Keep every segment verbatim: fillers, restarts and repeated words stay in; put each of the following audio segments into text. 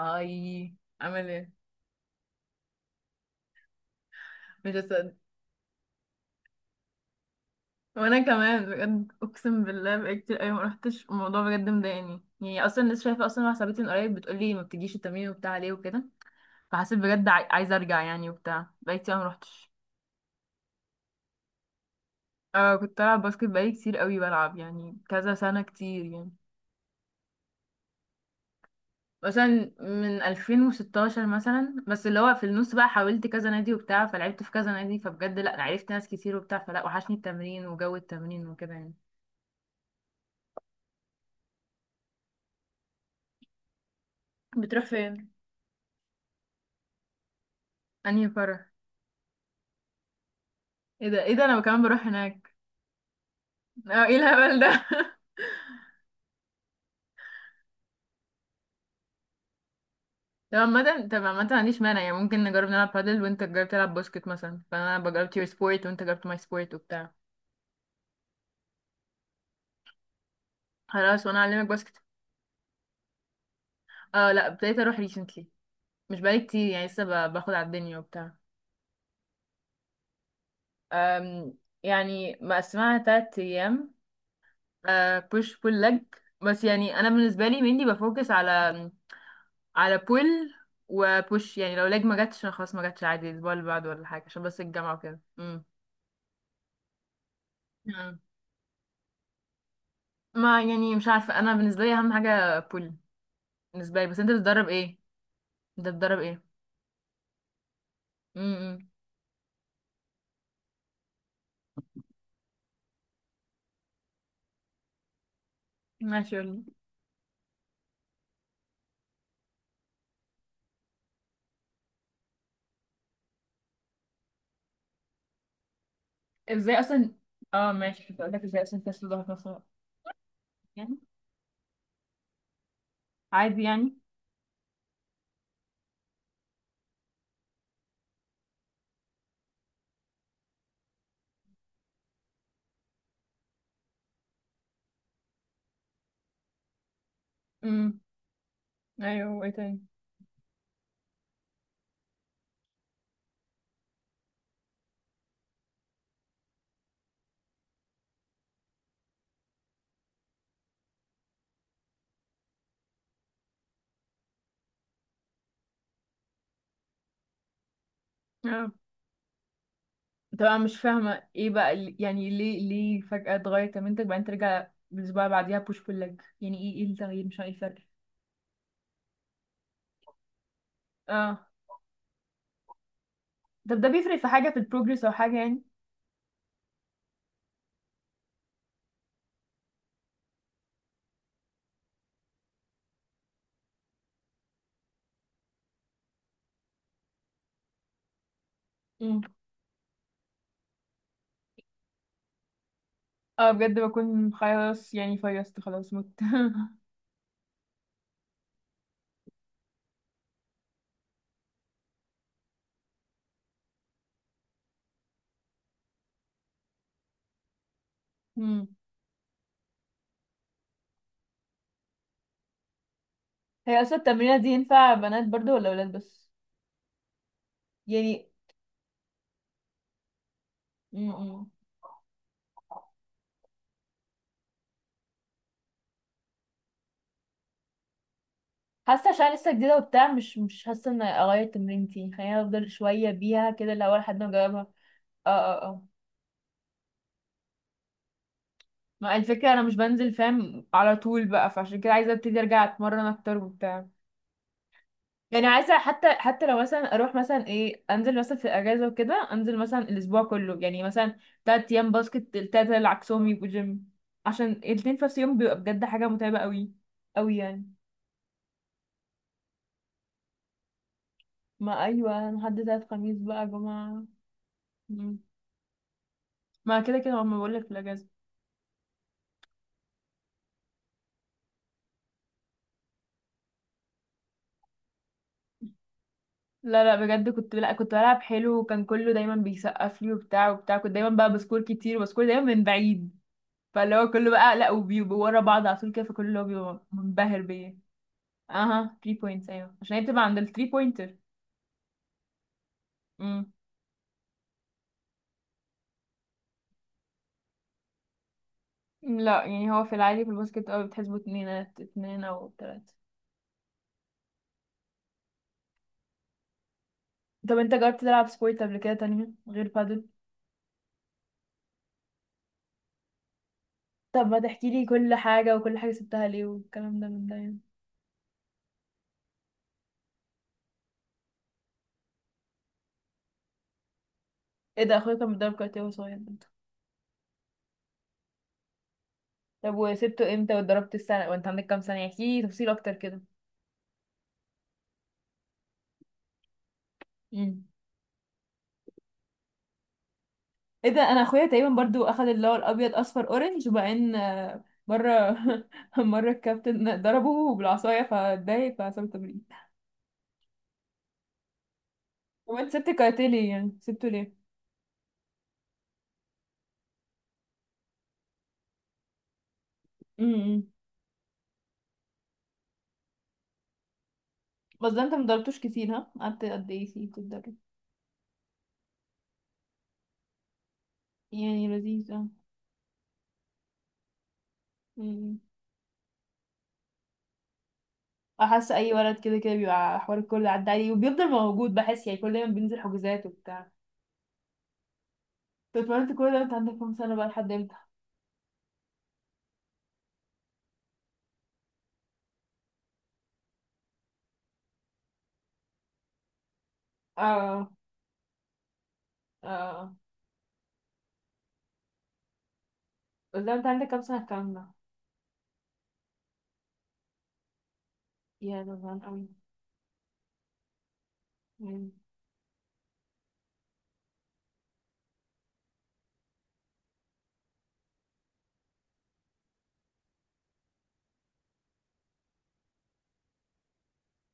اي، عامل ايه؟ مش هصدق. وانا كمان بجد اقسم بالله بقالي كتير قوي ما رحتش، الموضوع بجد مضايقني، يعني اصلا لسه شايفه اصلا واحده صاحبتي من قريب بتقولي ما بتجيش التمرين وبتاع ليه وكده. فحسيت بجد عاي- عايزه ارجع يعني وبتاع، بقالي كتير أوي ما رحتش. اه كنت بلعب باسكت بقالي كتير قوي بلعب، يعني كذا سنه كتير يعني. مثلا من ألفين وستاشر مثلا، بس اللي هو في النص بقى حاولت كذا نادي وبتاع، فلعبت في كذا نادي، فبجد لا عرفت ناس كتير وبتاع، فلا وحشني التمرين وجو التمرين وكده يعني. بتروح فين؟ انهي فرح؟ ايه ده ايه ده، انا كمان بروح هناك. اه ايه الهبل ده طب عامة طب عامة ما عنديش مانع يعني، ممكن نجرب نلعب بادل وانت تجرب تلعب باسكت مثلا، فانا بجربت يور سبورت وانت جربت ماي سبورت وبتاع. خلاص وانا اعلمك باسكت. اه لا، ابتديت اروح ريسنتلي. مش بقالي كتير يعني، لسه ب- باخد على الدنيا وبتاع. أم يعني مقسمها تلات ايام. أه بوش بول لج. بس يعني انا بالنسبة لي mainly بفوكس على على بول وبوش. يعني لو لاج ما جاتش أنا خلاص، ما جاتش عادي الاسبوع اللي بعده ولا حاجه، عشان بس الجامعه وكده امم نعم. ما يعني مش عارفه، انا بالنسبه لي اهم حاجه بول. بالنسبه لي، بس انت بتدرب ايه؟ انت بتدرب ايه؟ امم. ماشي قولي. ازاي اصلا؟ اه ماشي، كنت اقول لك ازاي اصلا تسل ظهر في نفس الوقت. يعني عادي يعني. امم. ايوه، وايه تاني؟ اه طبعا مش فاهمة ايه بقى ال- يعني ليه ليه فجأة اتغير كمنتج، بعدين ترجع الأسبوع اللي بعديها بوش بول ليج، يعني ايه؟ ايه التغيير؟ مش عارفة ايه الفرق. اه طب ده بيفرق في حاجة في البروجرس أو حاجة يعني؟ امم. اه بجد بكون خلاص يعني، فيصت خلاص مت. امم. هي اصلا التمرينه دي ينفع بنات برضو ولا ولاد بس؟ يعني امم. حاسه عشان لسه جديده وبتاع، مش مش حاسه ان اغير تمرينتي، خليني افضل شويه بيها كده الاول لحد ما اجربها. اه اه اه. ما الفكرة أنا مش بنزل فاهم على طول بقى، فعشان كده عايزة ابتدي أرجع أتمرن أكتر وبتاع. يعني عايزه حتى حتى لو مثلا اروح مثلا ايه، انزل مثلا في الاجازه وكده، انزل مثلا الاسبوع كله يعني مثلا. تلات ايام باسكت، التلاته العكسهم يبقوا جيم، عشان الاتنين في نفس اليوم بيبقى بجد حاجه متعبه قوي، قوي يعني. ما ايوه لحد تلات خميس بقى يا جماعه. مم. ما كده كده ما بقول لك في الاجازه. لا لا بجد كنت، لا كنت بلعب حلو، وكان كله دايما بيسقف لي وبتاع وبتاع، كنت دايما بقى بسكور كتير وبسكور دايما من بعيد، فاللي هو كله بقى لا، وبيبقوا ورا بعض على طول كده، فكله بيبقى منبهر بيا. اها، تلاتة بوينتس، ايوه، عشان هي بتبقى عند ال تلاتة بوينتر. امم. لا يعني هو في العادي في الباسكت اه بتحسبوا اتنين اتنين او تلاتة. طب انت جربت تلعب سبورت قبل كده تانية غير بادل؟ طب ما تحكي لي كل حاجة، وكل حاجة سبتها ليه والكلام ده من ده يعني. ايه ده، اخويا كان بيتدرب كاراتيه وهو صغير برضه. طب وسبته امتى؟ واتدربت السنة وانت عندك كام سنة؟ احكي لي تفصيل اكتر كده. امم. ايه ده، انا اخويا تقريبا برضو اخد اللي هو الابيض اصفر اورنج، وبعدين آه، مرة. مرة الكابتن ضربه بالعصاية فاتضايق، فعصام تمرين. وانت سبت الكاراتيه ليه؟ يعني سبته ليه؟ امم. بس ده انت مضربتوش كتير ها، قعدت قد ايه فيه بتتدرب؟ يعني لذيذ اه. امم. احس اي ولد كده كده بيبقى حوار الكل عدى عليه، وبيفضل موجود بحس يعني، كل دايما بينزل حجوزات وبتاع. طب اتمرنت كل ده انت عندك كام سنه بقى لحد امتى؟ اه اه. بس ده انت عندك كام سنه الكلام ده؟ يا ده زمان قوي. مم.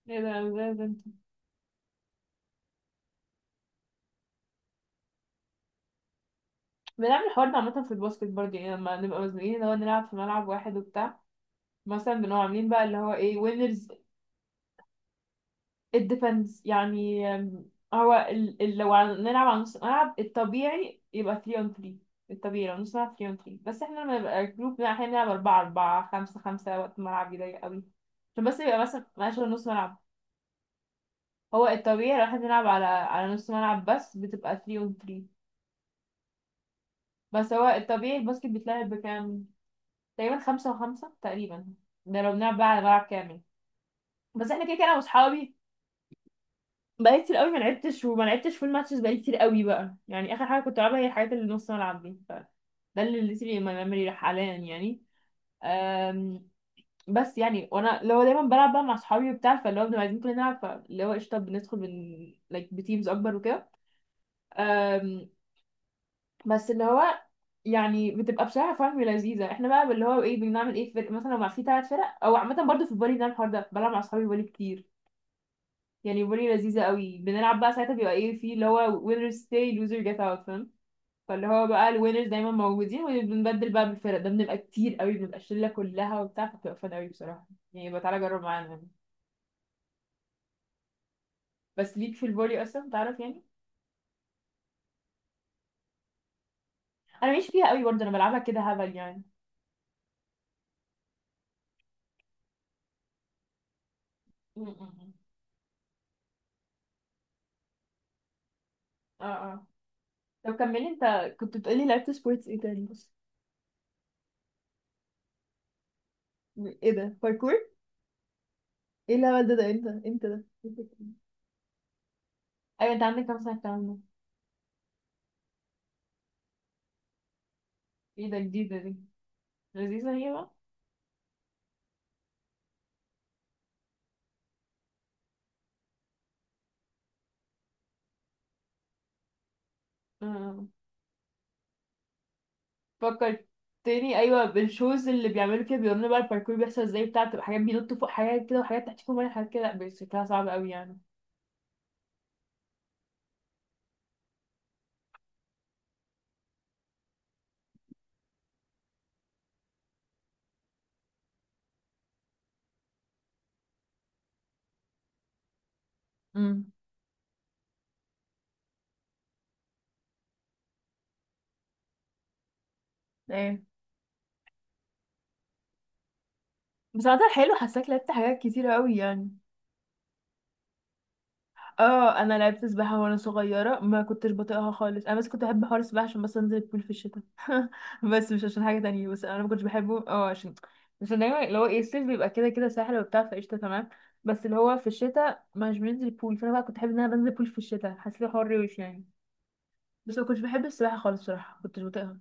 ايه ده ده ده انت. بنعمل الحوار ده عامة في الباسكت برضه، يعني لما نبقى مزنوقين اللي هو نلعب في ملعب واحد وبتاع. مثلا بنبقى عاملين بقى اللي هو ايه وينرز. it depends يعني، أم، هو ال... ال... لو عن- نلعب على نص ملعب الطبيعي يبقى تلاتة on تلاتة. الطبيعي لو نص ملعب تلاتة on تلاتة، بس احنا لما نبقى جروب احنا بنلعب اربعة اربعة خمسة خمسة، وقت الملعب يضيق قوي، عشان بس يبقى مثلا ماشي نص ملعب. هو الطبيعي لو احنا بنلعب على على نص ملعب بس بتبقى تلاتة on تلاتة. بس هو الطبيعي الباسكت بيتلعب بكام؟ تقريبا خمسة و5 تقريبا، ده لو بنلعب بقى على ملعب كامل. بس احنا كده كده انا واصحابي، بقالي كتير قوي ما لعبتش، وما لعبتش فول ماتشز بقالي كتير قوي بقى يعني، اخر حاجه كنت العبها هي الحاجات اللي نص ملعب دي، ف ده اللي اللي سيبي ما ميموري حاليا يعني. أم، بس يعني وانا اللي هو دايما بلعب بقى مع اصحابي وبتاع، فاللي هو بنبقى عايزين كلنا نلعب، فاللي هو قشطه بندخل من like بتيمز اكبر وكده. أم، بس اللي هو، يعني بتبقى بصراحه فاهم لذيذه، احنا بقى اللي هو ايه، بنعمل ايه في فرق مثلا لو مع في ثلاث فرق او عامه برضو في الفولي، بنعمل الحوار ده، بلعب مع اصحابي فولي كتير يعني، فولي لذيذة قوي بنلعب بقى. ساعتها بيبقى ايه في اللي هو winners stay loser get out فاهم، فاللي هو بقى الوينرز دايما موجودين، وبنبدل بقى بالفرق ده، بنبقى كتير قوي، بنبقى الشلة كلها وبتاع، فبتبقى فن قوي بصراحة. يعني يبقى تعالى جرب معانا يعني. بس ليك في الفولي اصلا تعرف يعني؟ انا ماليش فيها قوي برضه، انا بلعبها كده هبل يعني. م- م- م. اه اه. طب كملي، انت كنت بتقولي لعبت سبورتس ايه تاني بس؟ ايه ده باركور؟ ايه الهبل ده، ده امتى امتى ده؟ ايوه انت عندك كام سنة الكلام ده؟ ايه ده جديدة دي، لذيذة هي بقى. آه. فكرتني ايوه بالشوز اللي بيعملوا كده بيورينا بقى الباركور بيحصل ازاي بتاع، بتبقى حاجات بينطوا فوق حاجات كده، وحاجات تحت فوق حاجات كده، لا شكلها صعب قوي يعني. امم. ايه بس عامة حلو، حاساك لعبت حاجات كتير قوي يعني. اه انا لعبت سباحة وانا صغيرة، ما كنتش بطيقها خالص، انا بس كنت بحب حوار السباحة عشان بس انزل البول في الشتاء. بس مش عشان حاجة تانية، بس انا ما كنتش بحبه، اه عشان، عشان دايما اللي هو ايه، الصيف بيبقى كده كده ساحل وبتاع، فقشطة تمام. بس اللي هو في الشتاء مش بننزل البول، فانا بقى كنت بحب ان انا بنزل البول في الشتاء، حسيت حوار روش يعني. بس ما كنتش بحب السباحة خالص صراحة، كنتش بطيقها.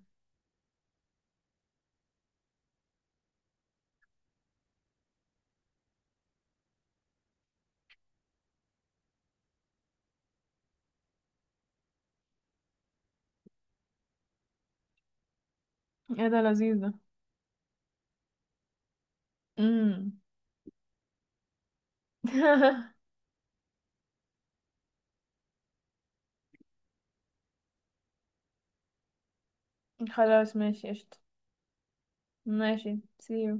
ايه ده لذيذ ده. امم. خلاص ماشي قشطة. ماشي، سيو.